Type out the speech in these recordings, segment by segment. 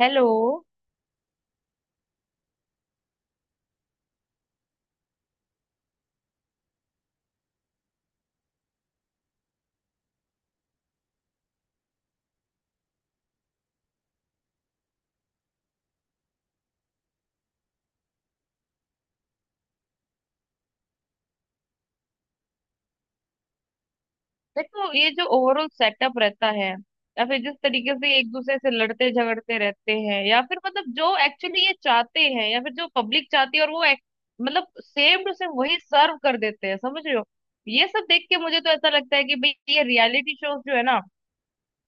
Hello. देखो, ये जो ओवरऑल सेटअप रहता है, या फिर जिस तरीके से एक दूसरे से लड़ते झगड़ते रहते हैं, या फिर मतलब जो एक्चुअली ये चाहते हैं या फिर जो पब्लिक चाहती है, और वो मतलब सेम टू सेम वही सर्व कर देते हैं, समझ रहे हो। ये सब देख के मुझे तो ऐसा लगता है कि भाई ये रियलिटी शोज जो है ना,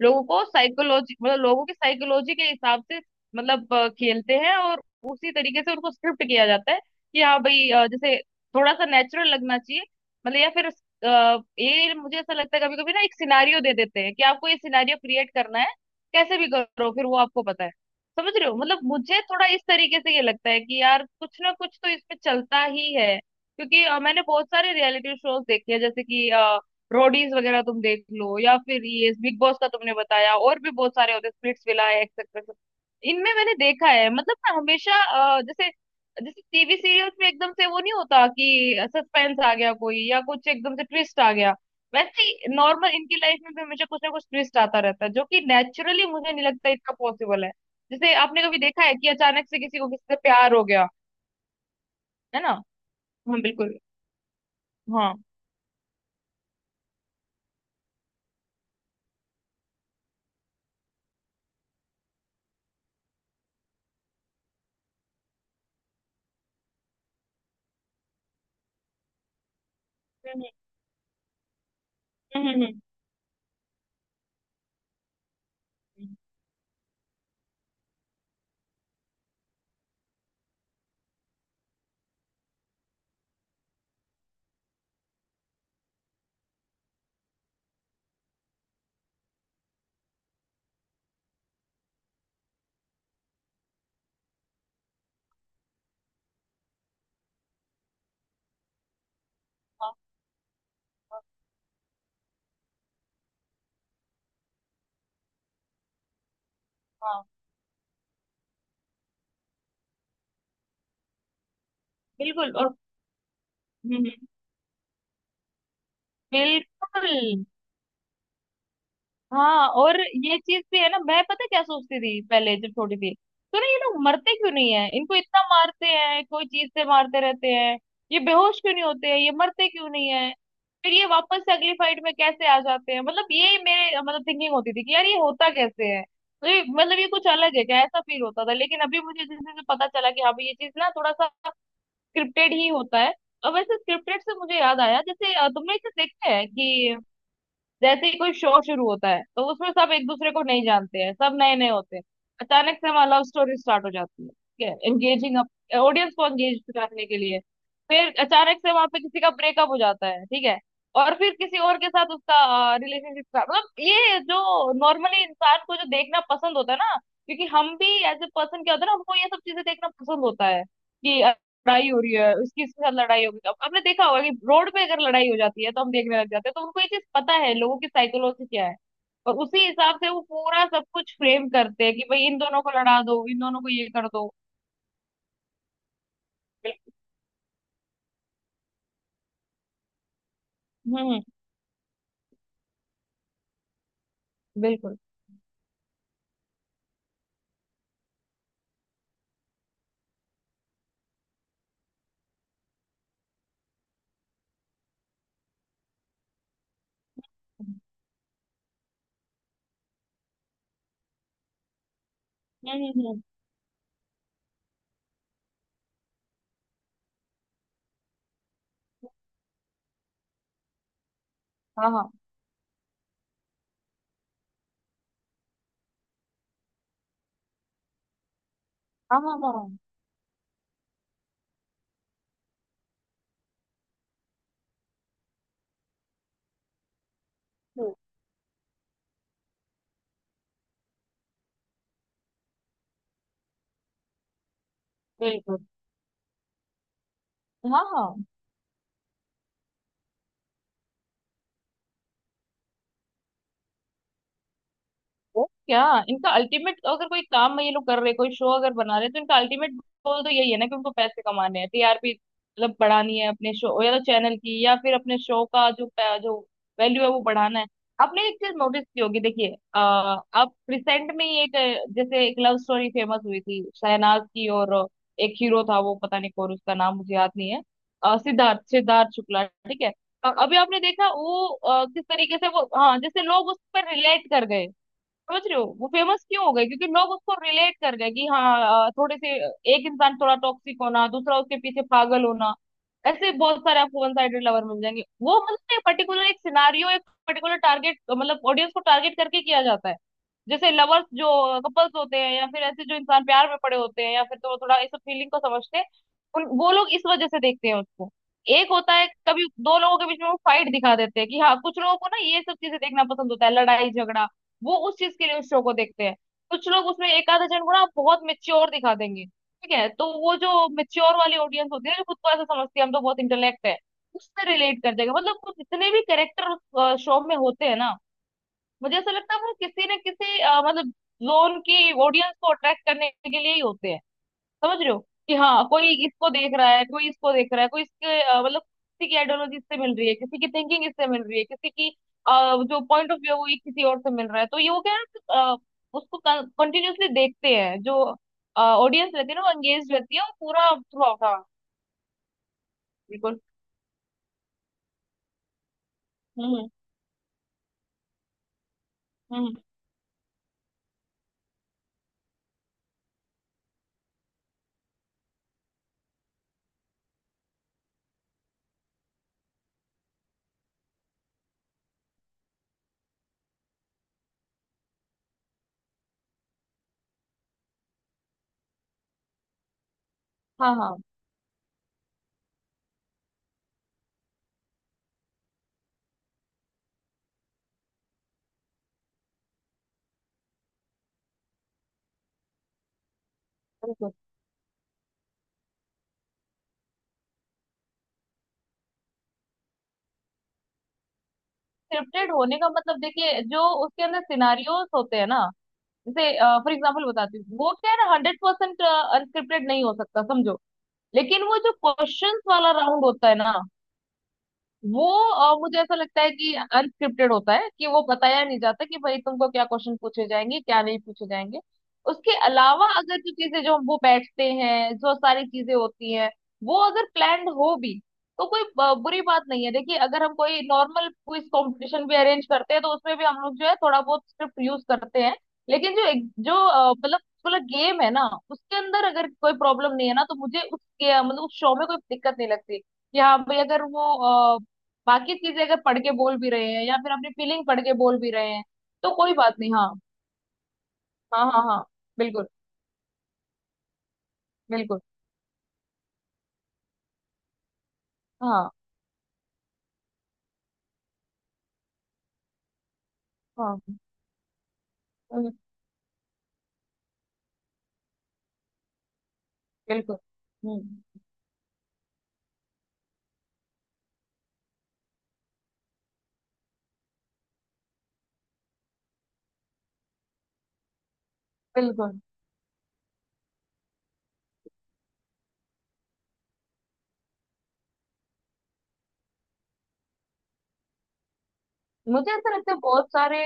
लोगों को साइकोलॉजी मतलब लोगों की साइकोलॉजी के हिसाब से मतलब खेलते हैं, और उसी तरीके से उनको स्क्रिप्ट किया जाता है कि हाँ भाई, जैसे थोड़ा सा नेचुरल लगना चाहिए। मतलब या फिर ये मुझे ऐसा लगता है, कभी कभी ना एक सिनारियो दे देते हैं कि आपको ये सिनारियो क्रिएट करना है, कैसे भी करो, फिर वो आपको पता है। समझ रहे हो, मतलब मुझे थोड़ा इस तरीके से ये लगता है कि यार कुछ ना कुछ तो इसमें चलता ही है, क्योंकि मैंने बहुत सारे रियलिटी शोज देखे हैं, जैसे कि रोडीज वगैरह तुम देख लो, या फिर ये बिग बॉस का तुमने बताया, और भी बहुत सारे होते हैं, स्प्लिट्स विला है एक्सेट्रा। इनमें मैंने देखा है, मतलब ना हमेशा जैसे जैसे टीवी सीरियल्स में एकदम से वो नहीं होता कि सस्पेंस आ गया कोई या कुछ एकदम से ट्विस्ट आ गया, वैसे ही नॉर्मल इनकी लाइफ में भी हमेशा कुछ ना कुछ ट्विस्ट आता रहता है, जो कि नेचुरली मुझे नहीं लगता इतना पॉसिबल है। जैसे आपने कभी देखा है कि अचानक से किसी को किसी से प्यार हो गया। है ना। हाँ बिल्कुल। हाँ। हम्म हम्म हम्म हम्म, हम्म। हाँ हाँ हाँ, बिल्कुल। और हम्म। बिल्कुल। हाँ और ये चीज भी है ना, मैं पता क्या सोचती थी पहले, जब छोटी थी तो ना, ये लोग मरते क्यों नहीं है, इनको इतना मारते हैं कोई चीज से मारते रहते हैं, ये बेहोश क्यों नहीं होते हैं, ये मरते क्यों नहीं है, फिर ये वापस से अगली फाइट में कैसे आ जाते हैं। मतलब ये मेरे मतलब थिंकिंग होती थी कि यार ये होता कैसे है, तो ये मतलब ये कुछ अलग है क्या, ऐसा फील होता था। लेकिन अभी मुझे जैसे जैसे पता चला कि हाँ भाई, ये चीज ना थोड़ा सा स्क्रिप्टेड ही होता है। और वैसे स्क्रिप्टेड से मुझे याद आया, जैसे तुमने इसे देखा है कि जैसे ही कोई शो शुरू होता है तो उसमें सब एक दूसरे को नहीं जानते हैं, सब नए नए होते हैं। अचानक से वहां लव स्टोरी स्टार्ट हो जाती है, ठीक है, एंगेजिंग अप, ऑडियंस को एंगेज करने के लिए। फिर अचानक से वहां पे किसी का ब्रेकअप हो जाता है, ठीक है, और फिर किसी और के साथ उसका रिलेशनशिप का मतलब ये जो नॉर्मली इंसान को जो देखना पसंद होता है ना, क्योंकि हम भी एज ए पर्सन क्या होता है ना, हमको ये सब चीजें देखना पसंद होता है कि लड़ाई हो रही है, उसकी इसके साथ लड़ाई हो गई। तो अब आपने देखा होगा कि रोड पे अगर लड़ाई हो जाती है तो हम देखने लग जाते हैं, तो उनको ये चीज पता है लोगों की साइकोलॉजी क्या है, और उसी हिसाब से वो पूरा सब कुछ फ्रेम करते हैं कि भाई इन दोनों को लड़ा दो, इन दोनों को ये कर दो। बिल्कुल। हम्म हम्म, बिल्कुल। हम्म हम्म हम्म, हम्म। हाँ हाँ हाँ हाँ हाँ हाँ, बिल्कुल। हाँ हाँ। वो क्या, इनका अल्टीमेट अगर कोई काम में ये लोग कर रहे, कोई शो अगर बना रहे, तो इनका अल्टीमेट गोल तो यही है ना कि उनको पैसे कमाने हैं, टीआरपी मतलब बढ़ानी है अपने शो या तो चैनल की, या फिर अपने शो का जो जो वैल्यू है वो बढ़ाना है। आपने एक चीज नोटिस की होगी, देखिए, अ, अब रिसेंट में ही एक जैसे एक लव स्टोरी फेमस हुई थी शहनाज की, और एक हीरो था, वो पता नहीं कौन, उसका नाम मुझे याद नहीं है। सिद्धार्थ सिद्धार्थ शुक्ला, ठीक है। अभी आपने देखा वो, किस तरीके से वो, हाँ जैसे लोग उस पर रिलेट कर गए। समझ रहे हो, वो फेमस क्यों हो गई, क्योंकि लोग उसको रिलेट कर गए कि हाँ, थोड़े से एक इंसान थोड़ा टॉक्सिक होना, दूसरा उसके पीछे पागल होना। ऐसे बहुत सारे आपको वन साइडेड लवर मिल जाएंगे, वो मतलब एक पर्टिकुलर, एक सिनारियो, एक पर्टिकुलर टारगेट मतलब ऑडियंस को टारगेट करके किया जाता है, जैसे लवर्स जो कपल्स होते हैं, या फिर ऐसे जो इंसान प्यार में पड़े होते हैं, या फिर तो थोड़ा इस फीलिंग को समझते हैं, उन, वो लोग इस वजह से देखते हैं उसको। एक होता है कभी दो लोगों के बीच में वो फाइट दिखा देते हैं कि हाँ, कुछ लोगों को ना ये सब चीजें देखना पसंद होता है, लड़ाई झगड़ा, वो उस चीज के लिए उस शो को देखते हैं। कुछ लोग उसमें एक आधे जन को ना बहुत मेच्योर दिखा देंगे, ठीक है, तो वो जो मेच्योर वाली ऑडियंस होती है ना, जो खुद को ऐसा समझती है हम तो बहुत इंटेलेक्ट है, उससे रिलेट कर जाएगा। मतलब कुछ जितने भी कैरेक्टर उस शो में होते हैं ना, मुझे ऐसा लगता है वो किसी न किसी मतलब जोन की ऑडियंस को अट्रैक्ट करने के लिए ही होते हैं। समझ रहे हो, कि हाँ, कोई इसको देख रहा है, कोई इसको देख रहा है, कोई इसके मतलब किसी की आइडियोलॉजी इससे मिल रही है, किसी की थिंकिंग इससे मिल रही है, किसी की अ, जो पॉइंट ऑफ व्यू है वो ये किसी और से मिल रहा है, तो ये वो क्या है ना, उसको कंटिन्यूअसली देखते हैं। जो ऑडियंस रहती है ना, वो एंगेज रहती है, और पूरा थ्रू आउट। हाँ बिल्कुल। हम्म। हम्म। हाँ हाँ। बिल्कुल। स्क्रिप्टेड होने का मतलब, देखिए, जो उसके अंदर सिनारियोस होते हैं ना, जैसे फॉर एग्जाम्पल बताती हूँ, वो क्या है ना, हंड्रेड परसेंट अनस्क्रिप्टेड नहीं हो सकता, समझो। लेकिन वो जो क्वेश्चंस वाला राउंड होता है ना, वो मुझे ऐसा लगता है कि अनस्क्रिप्टेड होता है कि वो बताया नहीं जाता कि भाई तुमको क्या क्वेश्चन पूछे जाएंगे क्या नहीं पूछे जाएंगे। उसके अलावा अगर जो चीजें जो हम वो बैठते हैं, जो सारी चीजें होती हैं, वो अगर प्लान्ड हो भी, तो कोई बुरी बात नहीं है। देखिए, अगर हम कोई नॉर्मल क्विज कंपटीशन भी अरेंज करते हैं तो उसमें भी हम लोग जो है थोड़ा बहुत स्क्रिप्ट यूज करते हैं। लेकिन जो एक, जो मतलब पूरा गेम है ना, उसके अंदर अगर कोई प्रॉब्लम नहीं है ना, तो मुझे उसके मतलब उस शो में कोई दिक्कत नहीं लगती। कि हाँ भाई, अगर वो बाकी चीजें अगर पढ़ के बोल भी रहे हैं या फिर अपनी फीलिंग पढ़ के बोल भी रहे हैं तो कोई बात नहीं। हाँ हाँ हाँ हाँ बिल्कुल बिल्कुल। हाँ हाँ। हम्म, बिल्कुल। हम्म। बिल्कुल। मुझे ऐसा लगता है बहुत सारे,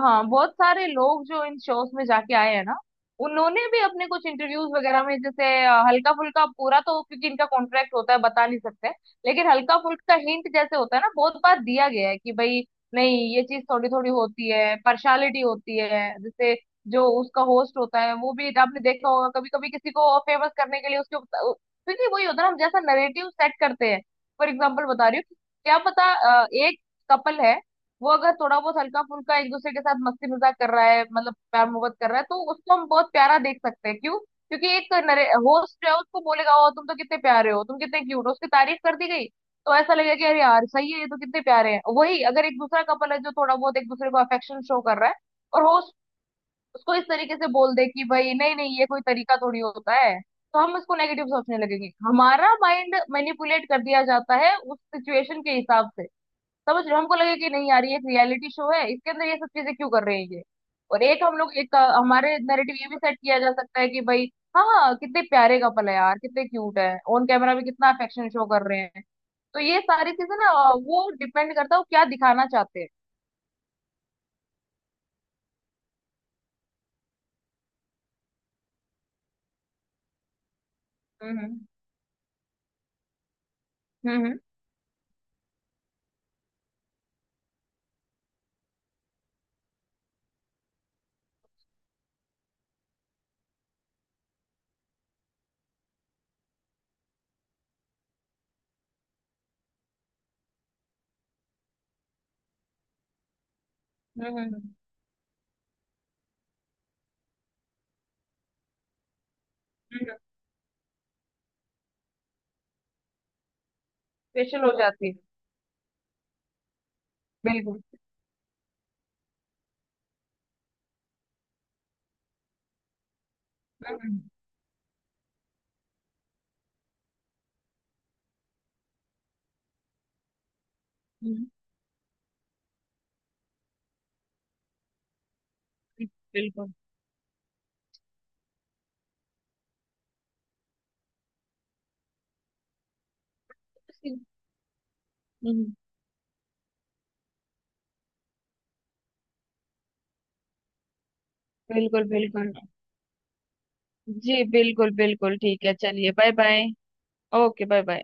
हाँ बहुत सारे लोग जो इन शोज में जाके आए हैं ना, उन्होंने भी अपने कुछ इंटरव्यूज वगैरह में जैसे हल्का फुल्का, पूरा तो क्योंकि इनका कॉन्ट्रैक्ट होता है बता नहीं सकते, लेकिन हल्का फुल्का हिंट जैसे होता है ना, बहुत बार दिया गया है कि भाई नहीं, ये चीज थोड़ी थोड़ी होती है, पर्सनालिटी होती है। जैसे जो उसका होस्ट होता है, वो भी आपने देखा होगा कभी कभी किसी को फेमस करने के लिए उसके ऊपर, क्योंकि वही होता है ना, हम जैसा नरेटिव सेट करते हैं। फॉर एग्जाम्पल बता रही हूँ, क्या पता, एक कपल है, वो अगर थोड़ा बहुत हल्का फुल्का एक दूसरे के साथ मस्ती मजाक कर रहा है, मतलब प्यार मोहब्बत कर रहा है, तो उसको हम बहुत प्यारा देख सकते हैं, क्यों, क्योंकि एक होस्ट है, उसको बोलेगा ओ तुम तो कितने प्यारे हो, तुम कितने क्यूट हो, उसकी तारीफ कर दी गई, तो ऐसा लगेगा कि अरे यार सही है ये तो, कितने प्यारे हैं। वही अगर एक दूसरा कपल है जो थोड़ा बहुत एक दूसरे को अफेक्शन शो कर रहा है, और होस्ट उसको इस तरीके से बोल दे कि भाई नहीं नहीं ये कोई तरीका थोड़ी होता है, तो हम उसको नेगेटिव सोचने लगेंगे, हमारा माइंड मैनिपुलेट कर दिया जाता है उस सिचुएशन के हिसाब से। समझ रहे हो, हमको लगे कि नहीं यार, ये एक रियलिटी शो है, इसके अंदर ये सब चीजें क्यों कर रहे हैं ये। और एक हम लोग एक हमारे नैरेटिव ये भी सेट किया जा सकता है कि भाई हाँ हाँ कितने प्यारे कपल है यार, कितने क्यूट है, ऑन कैमरा भी कितना अफेक्शन शो कर रहे हैं। तो ये सारी चीजें ना वो डिपेंड करता है वो क्या दिखाना चाहते हैं। हम्म हम्म हम्म हम्म हम्म स्पेशल हो जाती है। बिल्कुल। हम्म हम्म, बिल्कुल। हम्म, बिल्कुल बिल्कुल। जी बिल्कुल बिल्कुल, ठीक है, चलिए bye bye. Okay bye bye.